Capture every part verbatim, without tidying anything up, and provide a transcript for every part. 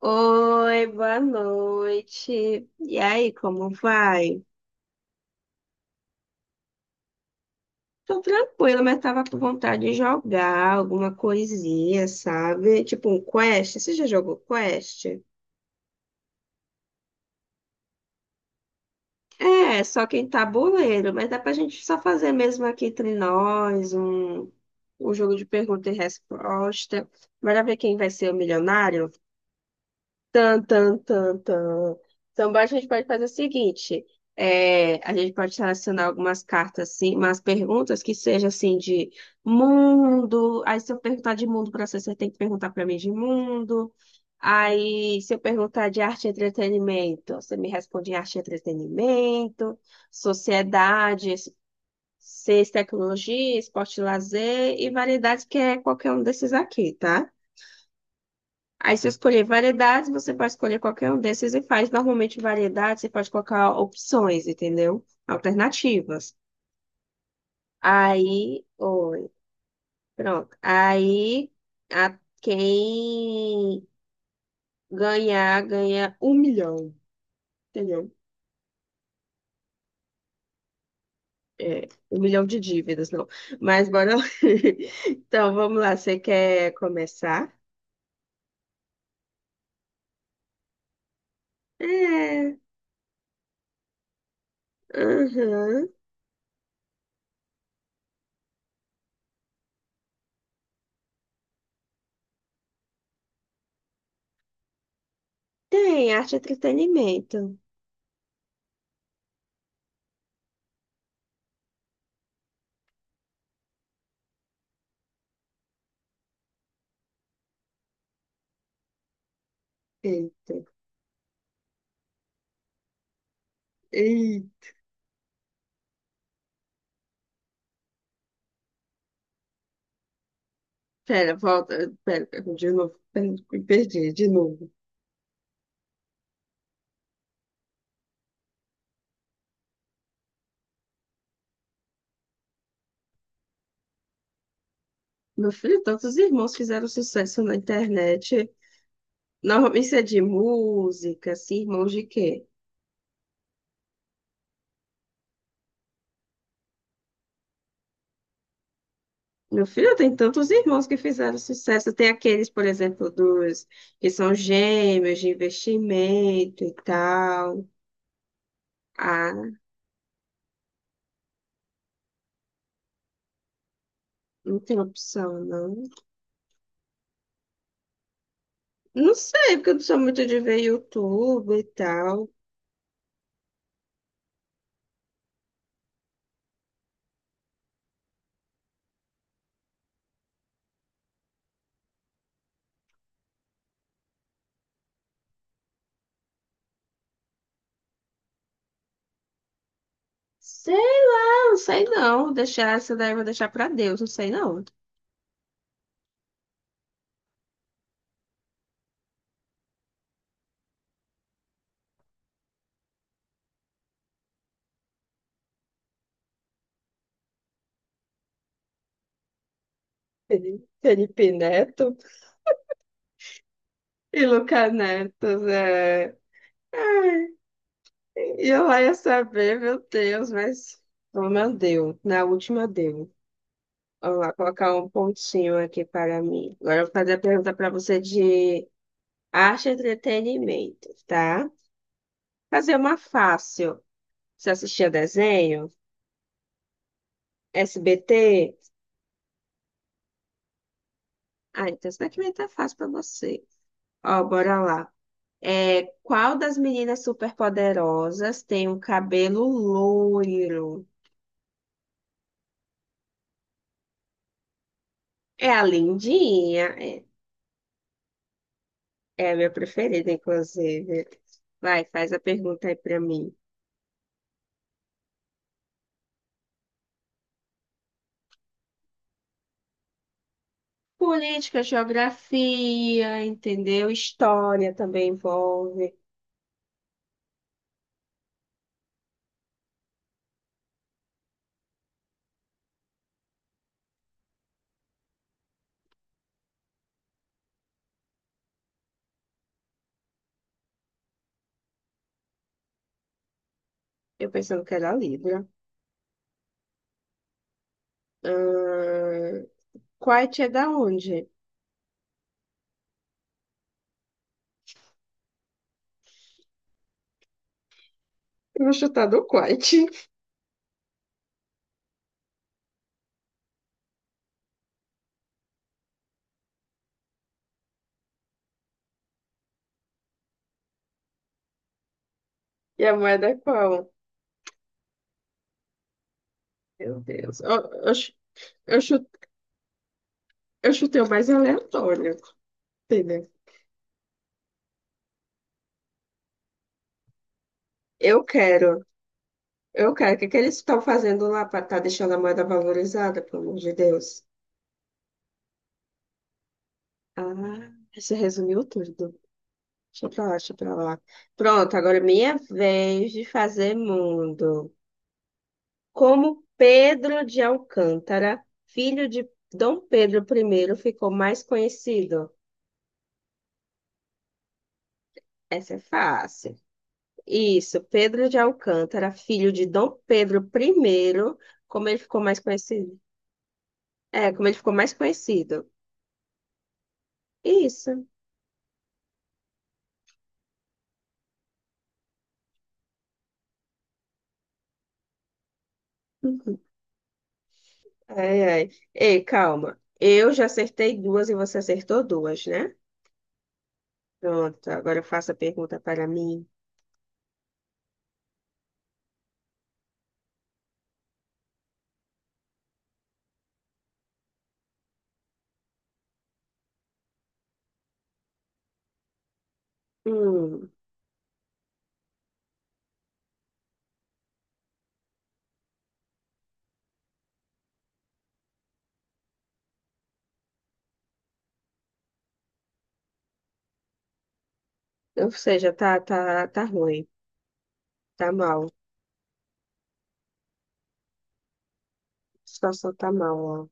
Oi, boa noite. E aí, como vai? Tô tranquila, mas tava com vontade de jogar alguma coisinha, sabe? Tipo um quest. Você já jogou quest? É, só que em tabuleiro, mas dá pra gente só fazer mesmo aqui entre nós um, um jogo de pergunta e resposta. Bora ver quem vai ser o milionário? Tan, tan, tan, tan. Então, a gente pode fazer o seguinte: é, a gente pode selecionar algumas cartas, assim, umas perguntas que seja assim de mundo. Aí, se eu perguntar de mundo para você, você tem que perguntar para mim de mundo. Aí, se eu perguntar de arte e entretenimento, você me responde em arte e entretenimento, sociedade, ciência, e tecnologia, esporte e lazer e variedades, que é qualquer um desses aqui, tá? Aí, se eu escolher variedades, você pode escolher qualquer um desses e faz. Normalmente, variedades, você pode colocar opções, entendeu? Alternativas. Aí, oi, pronto. Aí, a quem ganhar, ganha um milhão, entendeu? É, um milhão de dívidas, não. Mas bora lá. Então, vamos lá. Você quer começar? É, aham. Tem, arte e entretenimento. Eita. Pera, volta. Pera, de novo. Pera, me perdi, de novo. Meu filho, tantos irmãos fizeram sucesso na internet. Normalmente isso é de música, assim, irmãos de quê? Meu filho, tem tantos irmãos que fizeram sucesso. Tem aqueles, por exemplo, dos que são gêmeos de investimento e tal. Ah, não tem opção, não. Não sei, porque eu não sou muito de ver YouTube e tal. Sei lá, não sei não. Vou deixar essa daí, eu vou deixar pra Deus, não sei não. Felipe Felipe Neto e Lucas Neto, né? Ai, e eu lá ia saber, meu Deus, mas oh, meu Deus, na última deu. Vamos lá, colocar um pontinho aqui para mim. Agora eu vou fazer a pergunta para você de arte e entretenimento, tá? Fazer uma fácil. Você assistia desenho? S B T? Ah, então isso daqui vai estar fácil para você. Ó, bora lá. É, qual das meninas superpoderosas tem um cabelo loiro? É a Lindinha. É, é a minha preferida, inclusive. Vai, faz a pergunta aí pra mim. Política, geografia, entendeu? História também envolve. Eu pensando que era Libra. Ahn, Quite é da onde? Eu vou chutar do Quite. E a moeda é qual? Meu Deus. Eu, eu, chu- eu chu- eu chutei o mais aleatório. Entendeu? Eu quero, eu quero. O que que eles estão fazendo lá para estar deixando a moeda valorizada, pelo amor de Deus? Ah, você resumiu tudo. Deixa pra lá, deixa pra lá. Pronto, agora é minha vez de fazer mundo. Como Pedro de Alcântara, filho de Dom Pedro I, ficou mais conhecido? Essa é fácil. Isso, Pedro de Alcântara, filho de Dom Pedro I, como ele ficou mais conhecido? É, como ele ficou mais conhecido. Isso. Ai, ai. Ei, calma. Eu já acertei duas e você acertou duas, né? Pronto, agora faça a pergunta para mim. Hum, ou seja, tá, tá, tá ruim. Tá mal. A situação tá mal, ó.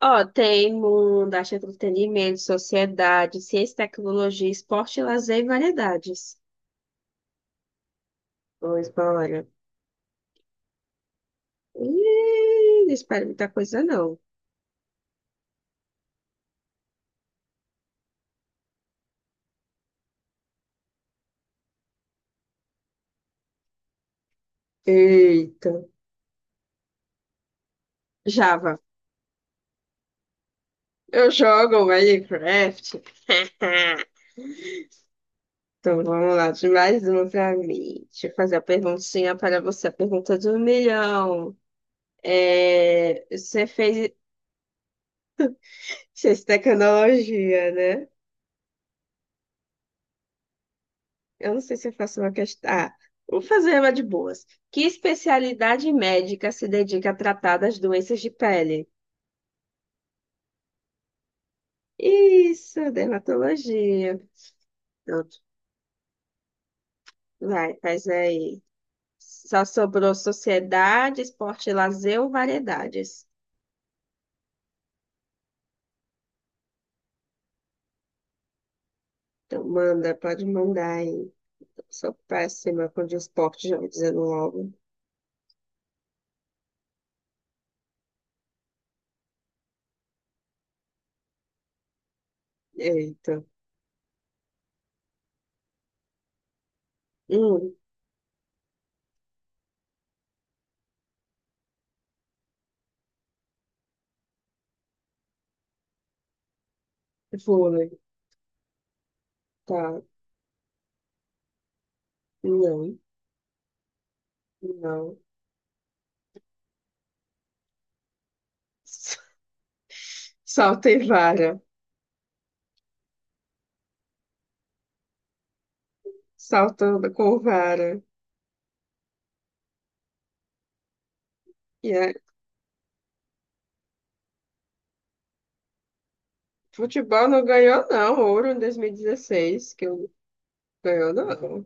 Ó, tem mundo, arte, entretenimento, sociedade, ciência, tecnologia, esporte, lazer e variedades. Pois, bora. Ih, não espero muita coisa, não. Eita. Java. Eu jogo Minecraft. Então, vamos lá, de mais uma para mim. Deixa eu fazer a perguntinha para você, a pergunta de um milhão. É, você fez ciência e tecnologia, né? Eu não sei se eu faço uma questão. Ah, vou fazer uma de boas. Que especialidade médica se dedica a tratar das doenças de pele? Isso, dermatologia. Pronto, vai, faz aí. Só sobrou sociedade, esporte, e lazer ou variedades? Então, manda, pode mandar aí. Sou péssima com de esporte, já me dizendo logo. Eita. Hum, vôlei. Tá. Não, não. Saltei vara. Saltando com vara. E é, futebol não ganhou, não. Ouro em dois mil e dezesseis, que eu ganhou, não.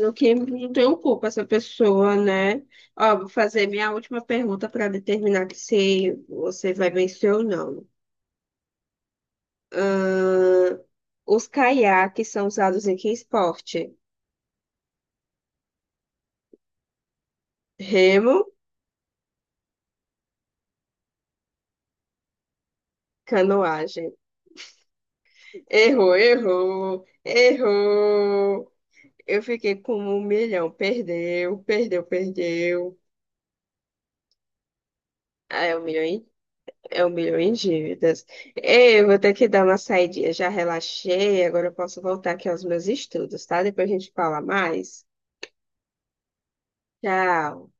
No que não tenho culpa essa pessoa, né? Ó, vou fazer minha última pergunta para determinar que se você vai vencer ou não. Ahn, os caiaques são usados em que esporte? Remo, canoagem. Errou, errou, errou. Eu fiquei com um milhão. Perdeu, perdeu, perdeu. Ah, é um milhão em, é um milhão em dívidas. Ei, eu vou ter que dar uma saidinha. Já relaxei, agora eu posso voltar aqui aos meus estudos, tá? Depois a gente fala mais. Tchau.